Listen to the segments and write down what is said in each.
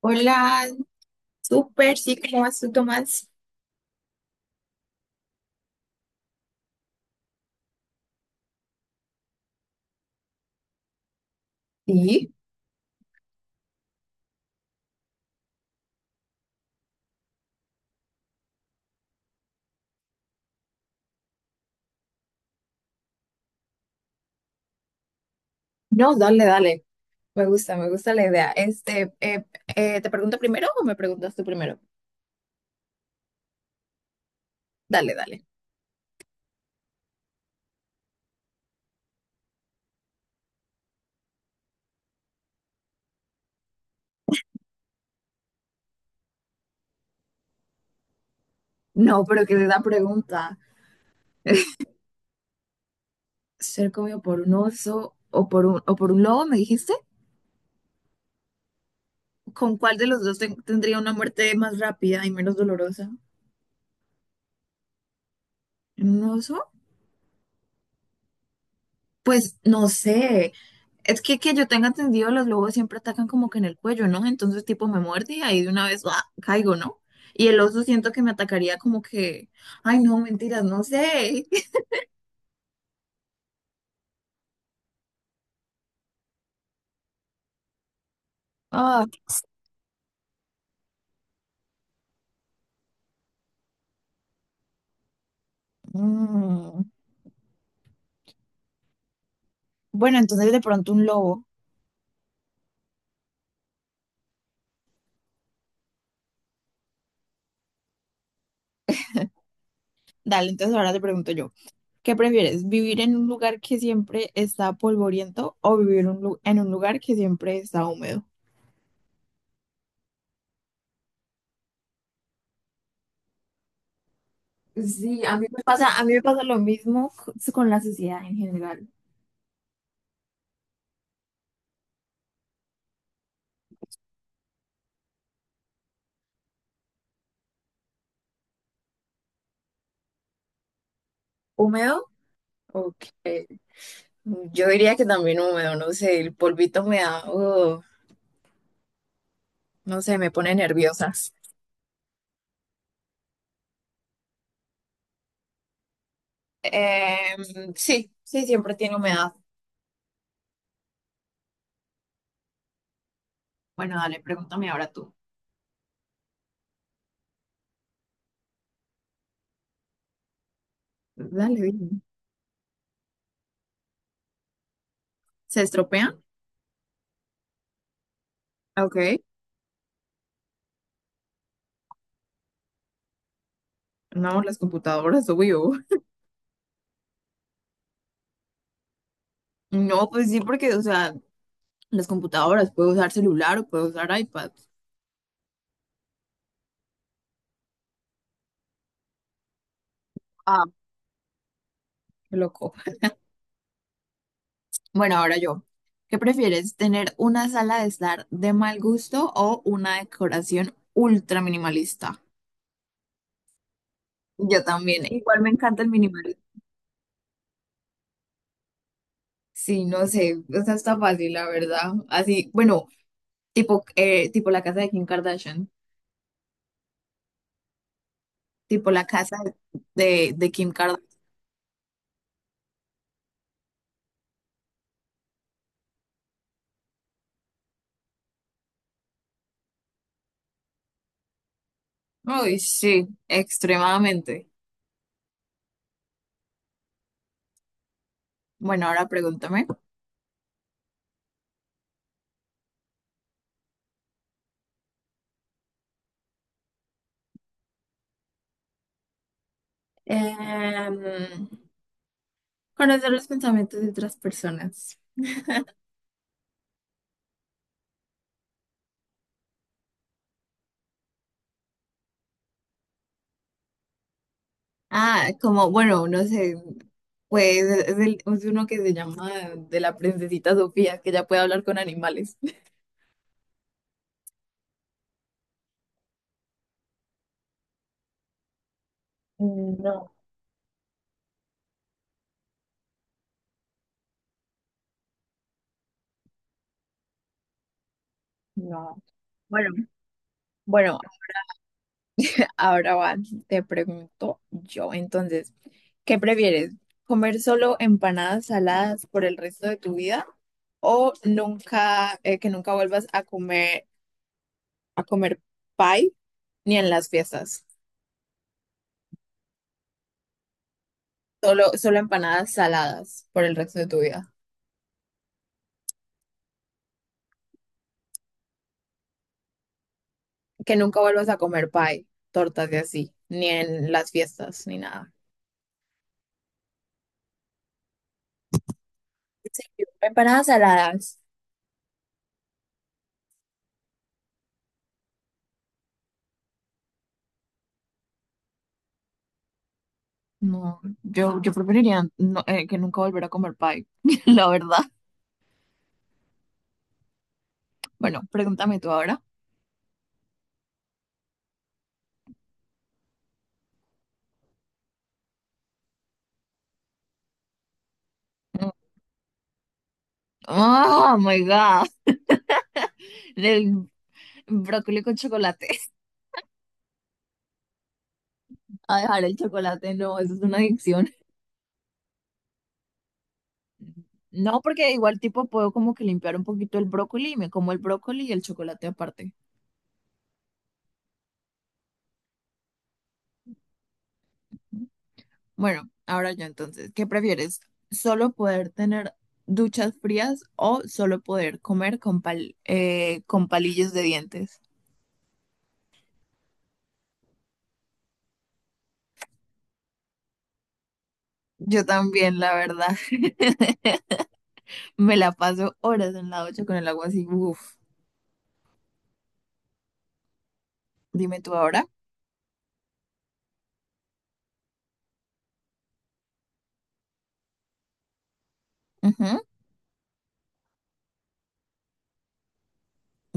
Hola, súper, sí, ¿cómo vas tú, Tomás? Sí, no, dale, dale. Me gusta la idea. ¿Te pregunto primero o me preguntas tú primero? Dale, dale. No, pero que de la pregunta. ¿Ser comido por un oso o por un lobo, me dijiste? ¿Con cuál de los dos tendría una muerte más rápida y menos dolorosa? ¿Un oso? Pues no sé, es que yo tenga entendido, los lobos siempre atacan como que en el cuello, ¿no? Entonces tipo me muerde y ahí de una vez ¡ah! Caigo, ¿no? Y el oso siento que me atacaría como que, ay no, mentiras, no sé. Ah, mm. Bueno, entonces de pronto un lobo. Dale, entonces ahora te pregunto yo, ¿qué prefieres? ¿Vivir en un lugar que siempre está polvoriento o vivir en un en un lugar que siempre está húmedo? Sí, a mí me pasa, a mí me pasa lo mismo con la sociedad en general. Húmedo. Ok, yo diría que también húmedo, no sé, el polvito me da, no sé, me pone nerviosa. Sí, sí, siempre tiene humedad. Bueno, dale, pregúntame ahora tú. Dale, dime. ¿Se estropean? Ok, no, las computadoras, obvio. No, pues sí, porque, o sea, las computadoras, puedo usar celular o puedo usar iPad. Ah, qué loco. Bueno, ahora yo. ¿Qué prefieres, tener una sala de estar de mal gusto o una decoración ultra minimalista? Yo también. Igual me encanta el minimalismo. Sí, no sé, o sea, está fácil, la verdad. Así, bueno, tipo la casa de Kim Kardashian, tipo la casa de Kim Kardashian. Uy, sí, extremadamente. Bueno, ahora pregúntame. Em, Conocer los pensamientos de otras personas. Ah, como, bueno, no sé, pues es, es uno que se llama de la princesita Sofía, que ya puede hablar con animales. No, no. Bueno, bueno, ahora va, te pregunto yo, entonces, ¿qué prefieres? ¿Comer solo empanadas saladas por el resto de tu vida o nunca, que nunca vuelvas a comer pie ni en las fiestas? Solo, solo empanadas saladas por el resto de tu vida. Que nunca vuelvas a comer pie, tortas y así, ni en las fiestas, ni nada. ¿En serio? Empanadas saladas. No, yo preferiría que nunca volver a comer pie, la verdad. Bueno, pregúntame tú ahora. Oh my God, del brócoli con chocolate. A dejar el chocolate, no, eso es una adicción. No, porque igual tipo puedo como que limpiar un poquito el brócoli y me como el brócoli y el chocolate aparte. Bueno, ahora yo entonces, ¿qué prefieres? ¿Solo poder tener duchas frías o solo poder comer con con palillos de dientes? Yo también, la verdad, me la paso horas en la ducha con el agua así, uff. Dime tú ahora. Ujú.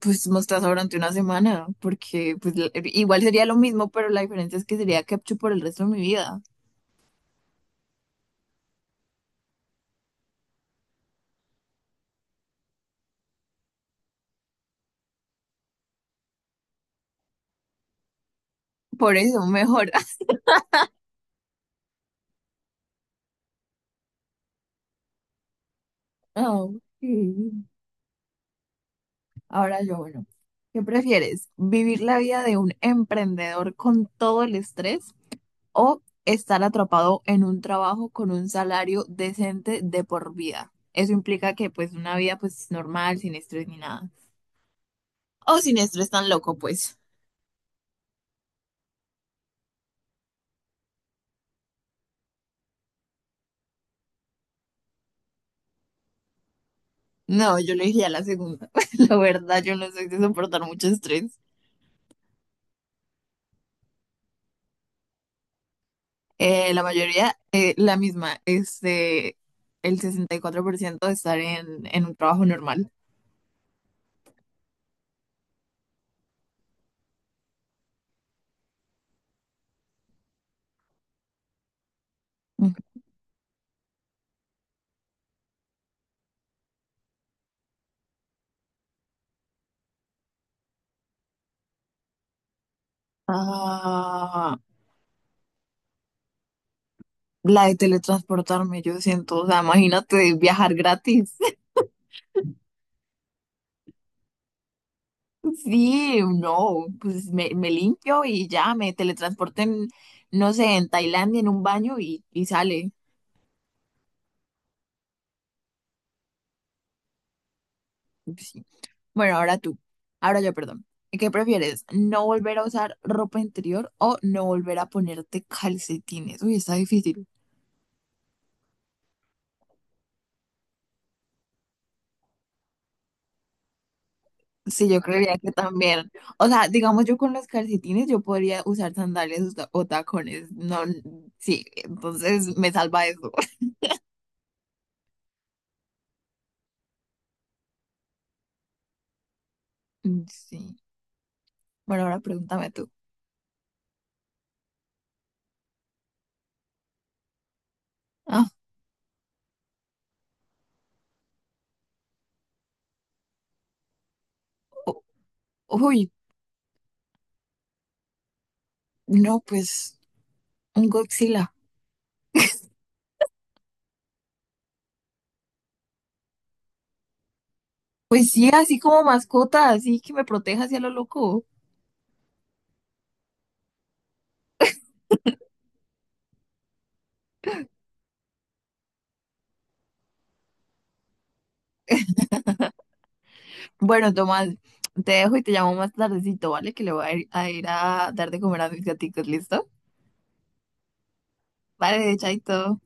Pues mostaza durante una semana, porque pues igual sería lo mismo, pero la diferencia es que sería ketchup por el resto de mi vida. Por eso, mejor. Ah, ok. Ahora yo, bueno, ¿qué prefieres? ¿Vivir la vida de un emprendedor con todo el estrés o estar atrapado en un trabajo con un salario decente de por vida? Eso implica que pues una vida pues normal, sin estrés ni nada. O sin estrés tan loco, pues. No, yo le dije a la segunda. La verdad, yo no soy de soportar mucho estrés. La mayoría, la misma, el 64% de estar en un trabajo normal. Ujú. Ah, la de teletransportarme, yo siento, o sea, imagínate viajar gratis. Sí, no, pues me limpio y ya me teletransporten, no sé, en Tailandia en un baño y sale. Sí. Bueno, ahora tú, ahora yo, perdón. ¿Qué prefieres? ¿No volver a usar ropa interior o no volver a ponerte calcetines? Uy, está difícil. Sí, yo creería que también. O sea, digamos, yo con los calcetines yo podría usar sandalias o o tacones. No, sí, entonces me salva eso. Mm, sí. Bueno, ahora pregúntame tú. Ah, u- uy, no, pues un Godzilla. Pues sí, así como mascota, así que me proteja hacia lo loco. Bueno, Tomás, te dejo y te llamo más tardecito, ¿vale? Que le voy a ir ir a dar de comer a mis gatitos, ¿listo? Vale, chaito.